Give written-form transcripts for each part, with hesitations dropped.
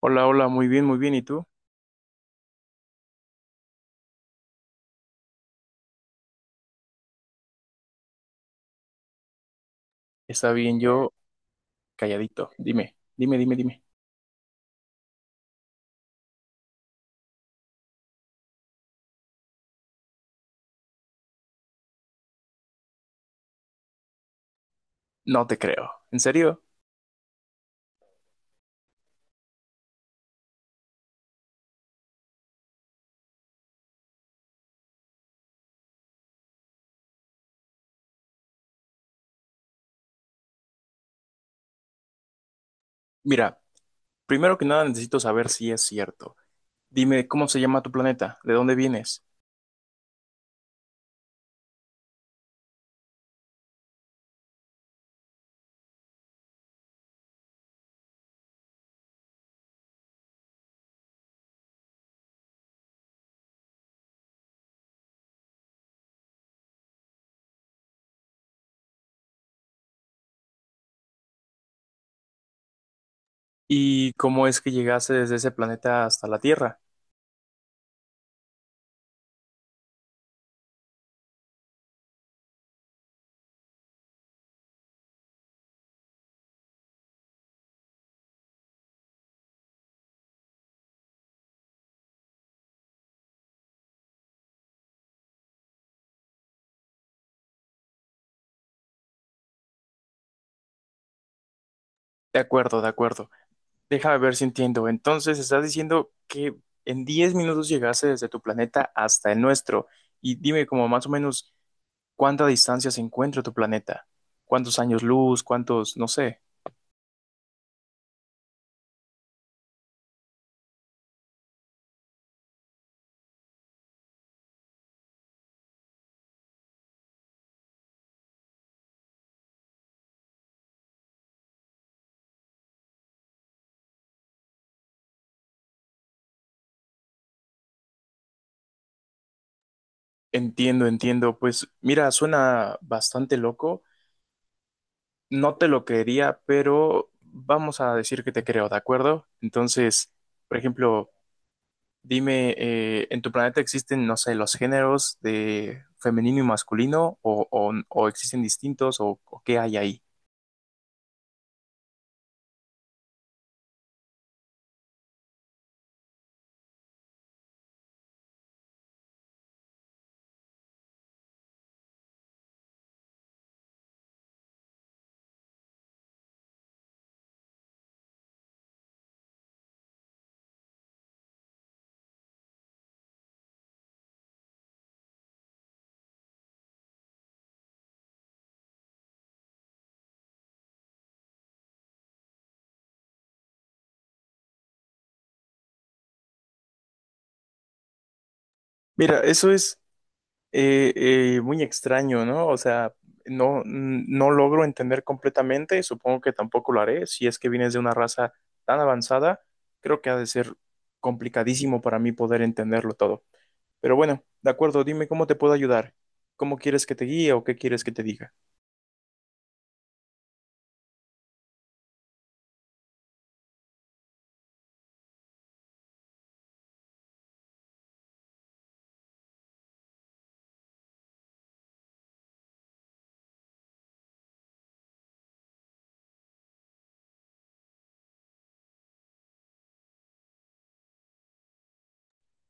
Hola, hola, muy bien, muy bien. ¿Y tú? Está bien, yo calladito. Dime, dime, dime, dime. No te creo. ¿En serio? Mira, primero que nada necesito saber si es cierto. Dime, ¿cómo se llama tu planeta? ¿De dónde vienes? ¿Y cómo es que llegaste desde ese planeta hasta la Tierra? De acuerdo, de acuerdo. Déjame ver si entiendo. Entonces, estás diciendo que en 10 minutos llegaste desde tu planeta hasta el nuestro. Y dime como más o menos cuánta distancia se encuentra tu planeta. ¿Cuántos años luz? ¿Cuántos? No sé. Entiendo, entiendo. Pues mira, suena bastante loco. No te lo creería, pero vamos a decir que te creo, ¿de acuerdo? Entonces, por ejemplo, dime, ¿en tu planeta existen, no sé, los géneros de femenino y masculino o, o existen distintos o qué hay ahí? Mira, eso es eh, muy extraño, ¿no? O sea, no, no logro entender completamente, supongo que tampoco lo haré, si es que vienes de una raza tan avanzada, creo que ha de ser complicadísimo para mí poder entenderlo todo. Pero bueno, de acuerdo, dime cómo te puedo ayudar, cómo quieres que te guíe o qué quieres que te diga.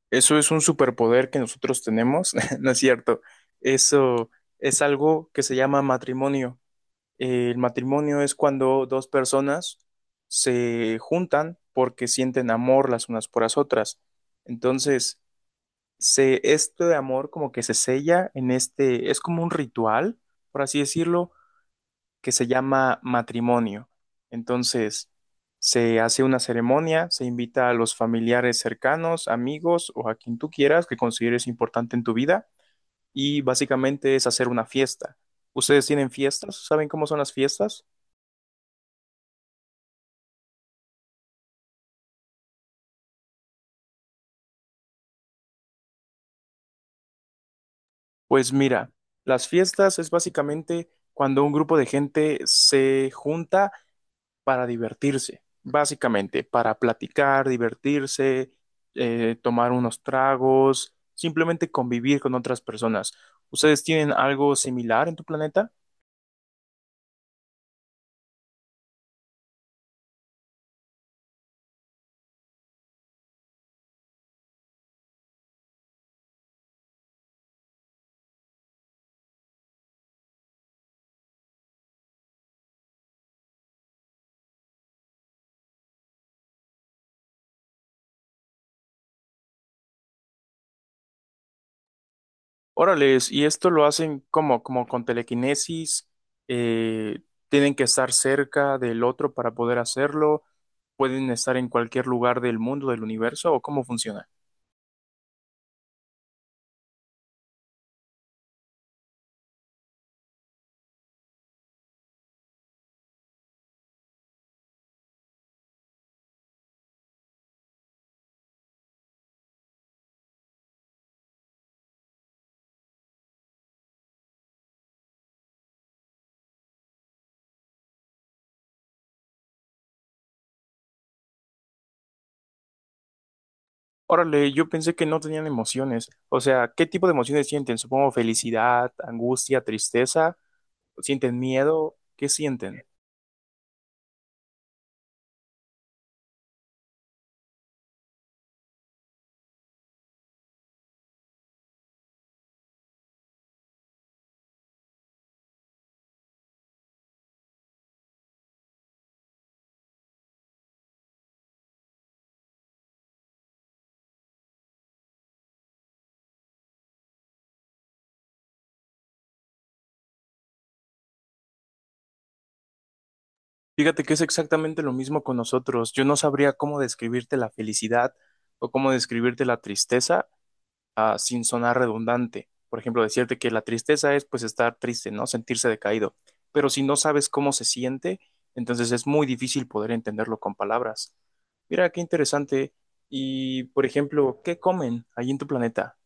Eso es un superpoder que nosotros tenemos, ¿no es cierto? Eso es algo que se llama matrimonio. El matrimonio es cuando dos personas se juntan porque sienten amor las unas por las otras. Entonces, este amor como que se sella en es como un ritual, por así decirlo, que se llama matrimonio. Entonces, se hace una ceremonia, se invita a los familiares cercanos, amigos o a quien tú quieras que consideres importante en tu vida y básicamente es hacer una fiesta. ¿Ustedes tienen fiestas? ¿Saben cómo son las fiestas? Pues mira, las fiestas es básicamente cuando un grupo de gente se junta para divertirse, básicamente, para platicar, divertirse, tomar unos tragos, simplemente convivir con otras personas. ¿Ustedes tienen algo similar en tu planeta? Órales, y esto lo hacen como, como con telequinesis, eh, tienen que estar cerca del otro para poder hacerlo, pueden estar en cualquier lugar del mundo, del universo, ¿o cómo funciona? Órale, yo pensé que no tenían emociones. O sea, ¿qué tipo de emociones sienten? Supongo felicidad, angustia, tristeza, sienten miedo, ¿qué sienten? Fíjate que es exactamente lo mismo con nosotros. Yo no sabría cómo describirte la felicidad o cómo describirte la tristeza. Ah, sin sonar redundante. Por ejemplo, decirte que la tristeza es pues estar triste, ¿no? Sentirse decaído. Pero si no sabes cómo se siente, entonces es muy difícil poder entenderlo con palabras. Mira, qué interesante. Y, por ejemplo, ¿qué comen ahí en tu planeta?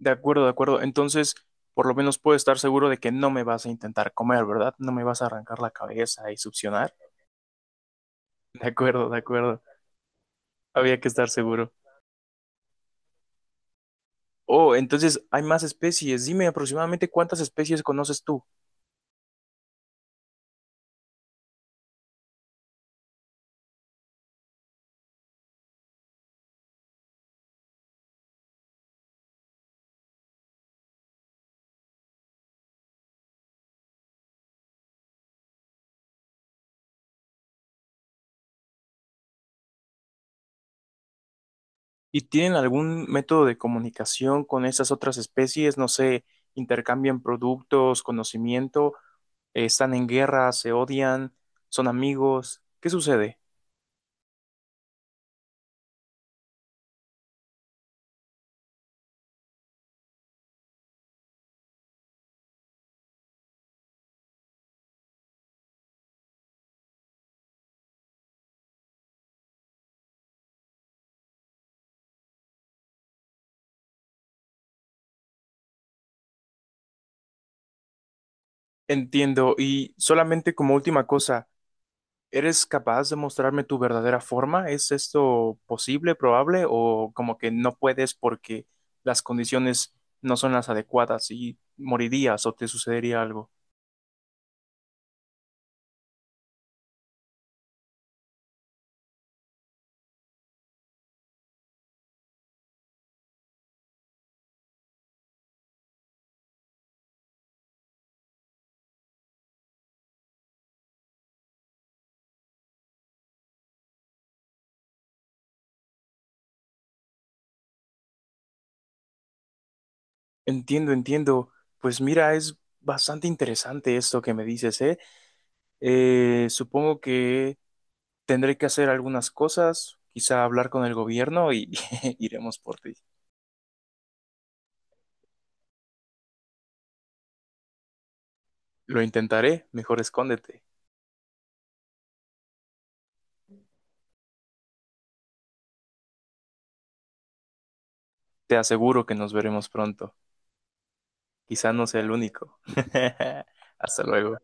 De acuerdo, de acuerdo. Entonces, por lo menos puedo estar seguro de que no me vas a intentar comer, ¿verdad? No me vas a arrancar la cabeza y succionar. De acuerdo, de acuerdo. Había que estar seguro. Oh, entonces hay más especies. Dime aproximadamente cuántas especies conoces tú. ¿Y tienen algún método de comunicación con esas otras especies? No sé, intercambian productos, conocimiento, están en guerra, se odian, son amigos. ¿Qué sucede? Entiendo. Y solamente como última cosa, ¿eres capaz de mostrarme tu verdadera forma? ¿Es esto posible, probable o como que no puedes porque las condiciones no son las adecuadas y morirías o te sucedería algo? Entiendo, entiendo. Pues mira, es bastante interesante esto que me dices, ¿eh? Supongo que tendré que hacer algunas cosas, quizá hablar con el gobierno y iremos por ti. Lo intentaré, mejor escóndete. Te aseguro que nos veremos pronto. Quizá no sea el único. Hasta luego.